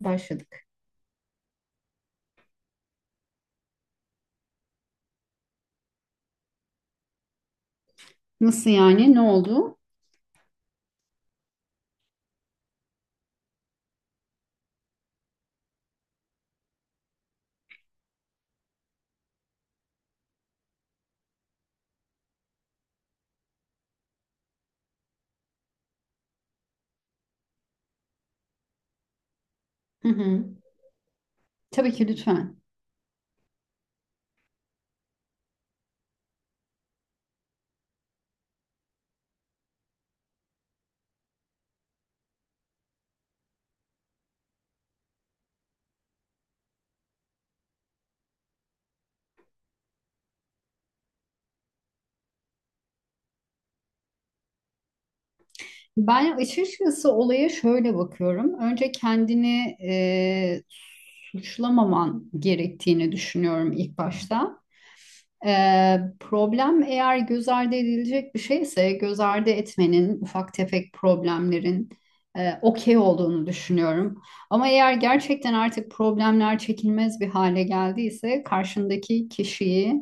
Başladık. Nasıl yani? Ne oldu? Hı hı. Tabii ki lütfen. Ben açıkçası olaya şöyle bakıyorum. Önce kendini suçlamaman gerektiğini düşünüyorum ilk başta. Problem eğer göz ardı edilecek bir şeyse göz ardı etmenin ufak tefek problemlerin okey olduğunu düşünüyorum. Ama eğer gerçekten artık problemler çekilmez bir hale geldiyse karşındaki kişiye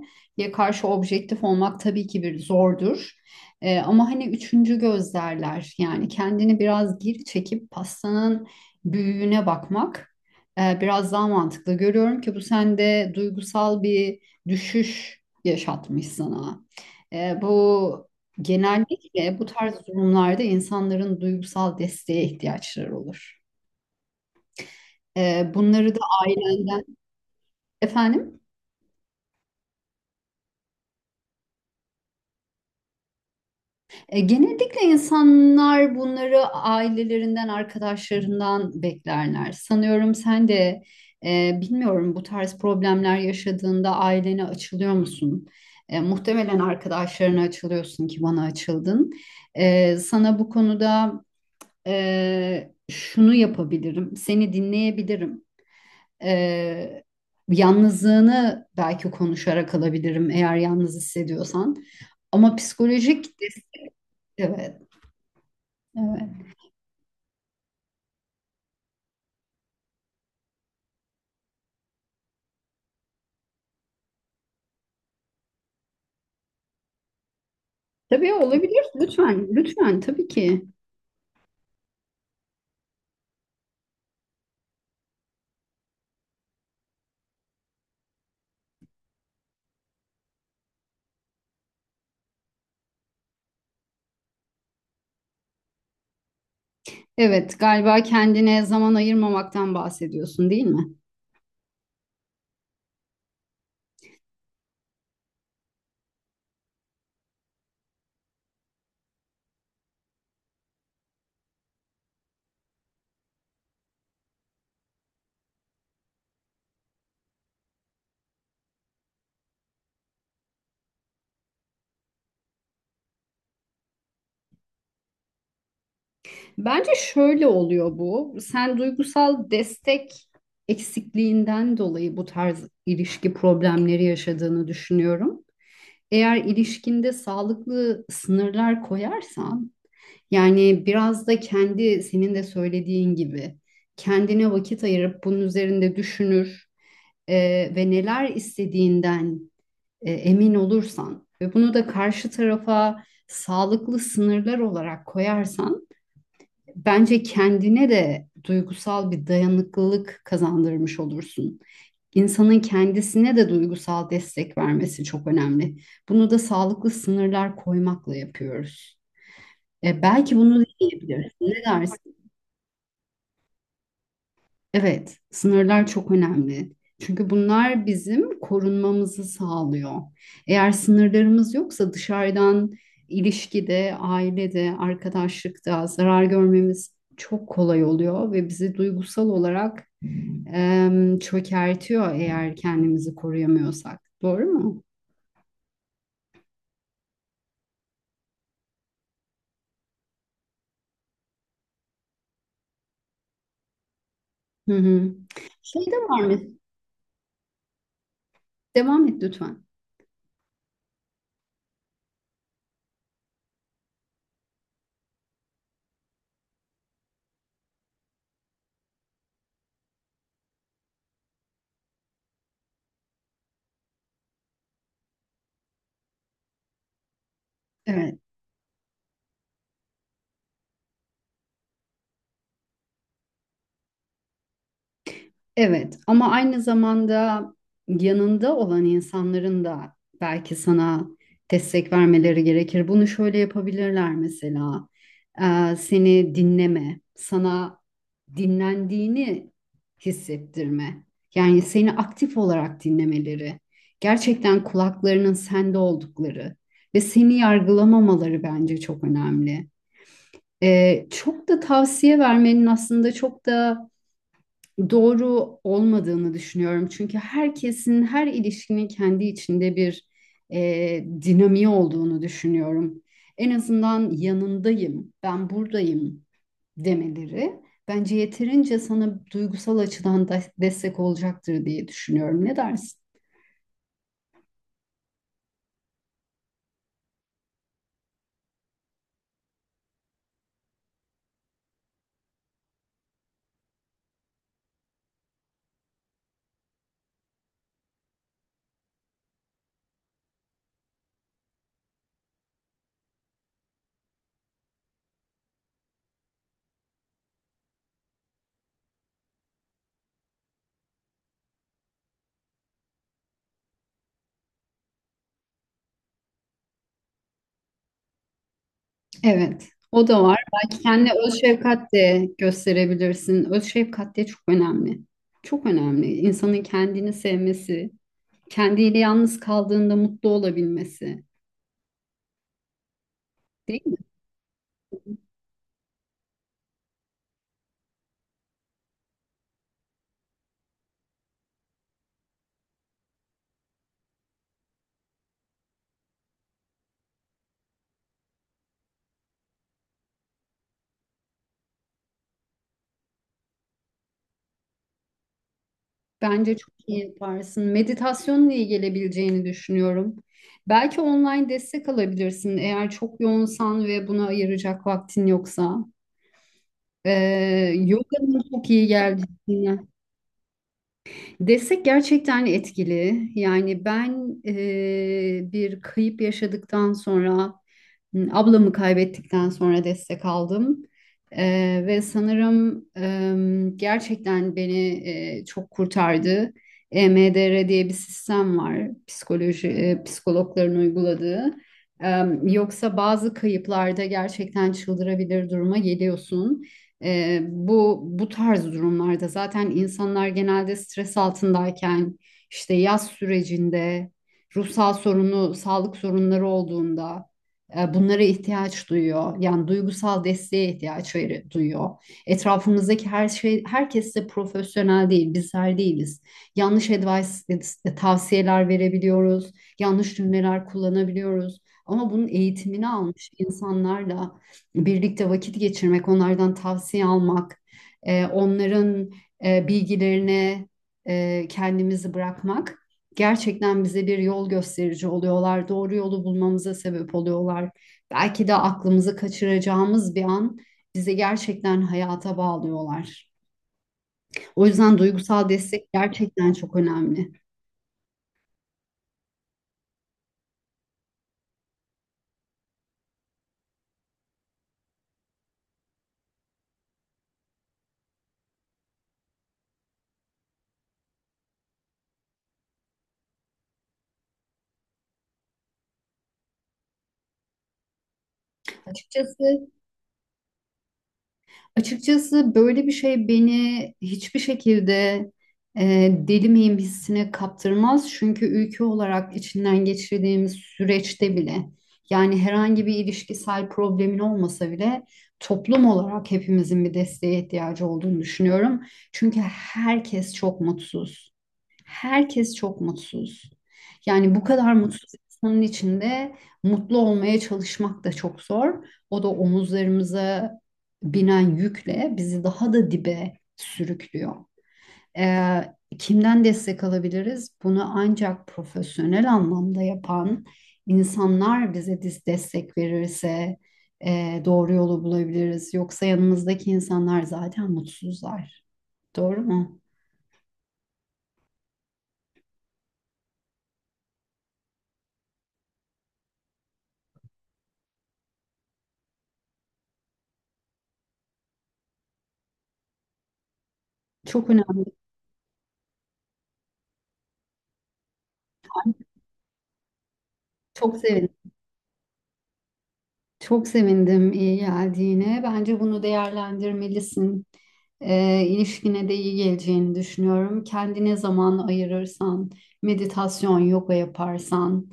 karşı objektif olmak tabii ki bir zordur. Ama hani üçüncü göz derler, yani kendini biraz geri çekip pastanın büyüğüne bakmak biraz daha mantıklı. Görüyorum ki bu sende duygusal bir düşüş yaşatmış sana. Bu genellikle bu tarz durumlarda insanların duygusal desteğe ihtiyaçları olur. Bunları da ailenden efendim. Genellikle insanlar bunları ailelerinden, arkadaşlarından beklerler. Sanıyorum sen de bilmiyorum, bu tarz problemler yaşadığında ailene açılıyor musun? Muhtemelen arkadaşlarına açılıyorsun ki bana açıldın. Sana bu konuda şunu yapabilirim, seni dinleyebilirim. Ee, Yalnızlığını belki konuşarak alabilirim eğer yalnız hissediyorsan. Ama psikolojik des- evet, evet. Tabii olabilir. Lütfen, lütfen tabii ki. Evet, galiba kendine zaman ayırmamaktan bahsediyorsun, değil mi? Bence şöyle oluyor bu. Sen duygusal destek eksikliğinden dolayı bu tarz ilişki problemleri yaşadığını düşünüyorum. Eğer ilişkinde sağlıklı sınırlar koyarsan, yani biraz da kendi senin de söylediğin gibi kendine vakit ayırıp bunun üzerinde düşünür e, ve neler istediğinden emin olursan ve bunu da karşı tarafa sağlıklı sınırlar olarak koyarsan bence kendine de duygusal bir dayanıklılık kazandırmış olursun. İnsanın kendisine de duygusal destek vermesi çok önemli. Bunu da sağlıklı sınırlar koymakla yapıyoruz. Belki bunu deneyebilirsin. Ne dersin? Evet, sınırlar çok önemli. Çünkü bunlar bizim korunmamızı sağlıyor. Eğer sınırlarımız yoksa dışarıdan ilişkide, ailede, arkadaşlıkta zarar görmemiz çok kolay oluyor ve bizi duygusal olarak çökertiyor eğer kendimizi koruyamıyorsak. Doğru mu? Hı hı. Şey de var mı? Devam et lütfen. Evet. Evet, ama aynı zamanda yanında olan insanların da belki sana destek vermeleri gerekir. Bunu şöyle yapabilirler mesela. Seni dinleme, sana dinlendiğini hissettirme. Yani seni aktif olarak dinlemeleri, gerçekten kulaklarının sende oldukları ve seni yargılamamaları bence çok önemli. Çok da tavsiye vermenin aslında çok da doğru olmadığını düşünüyorum. Çünkü herkesin, her ilişkinin kendi içinde bir dinamiği olduğunu düşünüyorum. En azından yanındayım, ben buradayım demeleri bence yeterince sana duygusal açıdan da destek olacaktır diye düşünüyorum. Ne dersin? Evet, o da var. Belki kendine öz şefkat de gösterebilirsin. Öz şefkat de çok önemli. Çok önemli. İnsanın kendini sevmesi, kendiyle yalnız kaldığında mutlu olabilmesi, değil mi? Bence çok iyi yaparsın. Meditasyonla iyi gelebileceğini düşünüyorum. Belki online destek alabilirsin eğer çok yoğunsan ve buna ayıracak vaktin yoksa. Yoga'nın çok iyi geldiğini destek gerçekten etkili. Yani ben bir kayıp yaşadıktan sonra, ablamı kaybettikten sonra destek aldım. Ve sanırım gerçekten beni çok kurtardı. EMDR diye bir sistem var, psikoloji psikologların uyguladığı. E, Yoksa bazı kayıplarda gerçekten çıldırabilir duruma geliyorsun. Bu tarz durumlarda zaten insanlar genelde stres altındayken, işte yaz sürecinde, ruhsal sorunu, sağlık sorunları olduğunda bunlara ihtiyaç duyuyor. Yani duygusal desteğe duyuyor. Etrafımızdaki her şey, herkes de profesyonel değil, bizler değiliz. Yanlış tavsiyeler verebiliyoruz, yanlış cümleler kullanabiliyoruz. Ama bunun eğitimini almış insanlarla birlikte vakit geçirmek, onlardan tavsiye almak, onların bilgilerine kendimizi bırakmak gerçekten bize bir yol gösterici oluyorlar. Doğru yolu bulmamıza sebep oluyorlar. Belki de aklımızı kaçıracağımız bir an bizi gerçekten hayata bağlıyorlar. O yüzden duygusal destek gerçekten çok önemli. Açıkçası Açıkçası böyle bir şey beni hiçbir şekilde deli miyim hissine kaptırmaz. Çünkü ülke olarak içinden geçirdiğimiz süreçte bile, yani herhangi bir ilişkisel problemin olmasa bile, toplum olarak hepimizin bir desteğe ihtiyacı olduğunu düşünüyorum. Çünkü herkes çok mutsuz. Herkes çok mutsuz. Yani bu kadar mutsuz insanın içinde mutlu olmaya çalışmak da çok zor. O da omuzlarımıza binen yükle bizi daha da dibe sürüklüyor. Ee, Kimden destek alabiliriz? Bunu ancak profesyonel anlamda yapan insanlar bize destek verirse doğru yolu bulabiliriz. Yoksa yanımızdaki insanlar zaten mutsuzlar. Doğru mu? Çok önemli. Çok sevindim. Çok sevindim iyi geldiğine. Bence bunu değerlendirmelisin. İlişkine de iyi geleceğini düşünüyorum. Kendine zaman ayırırsan, meditasyon, yoga yaparsan,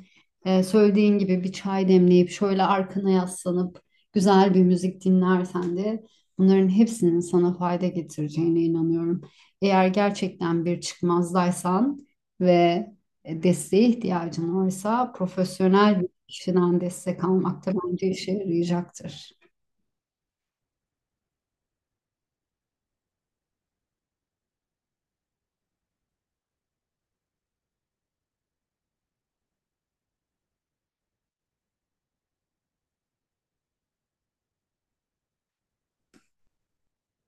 söylediğin gibi bir çay demleyip şöyle arkana yaslanıp güzel bir müzik dinlersen de bunların hepsinin sana fayda getireceğine inanıyorum. Eğer gerçekten bir çıkmazdaysan ve desteğe ihtiyacın varsa profesyonel kişiden destek almak da bence işe yarayacaktır.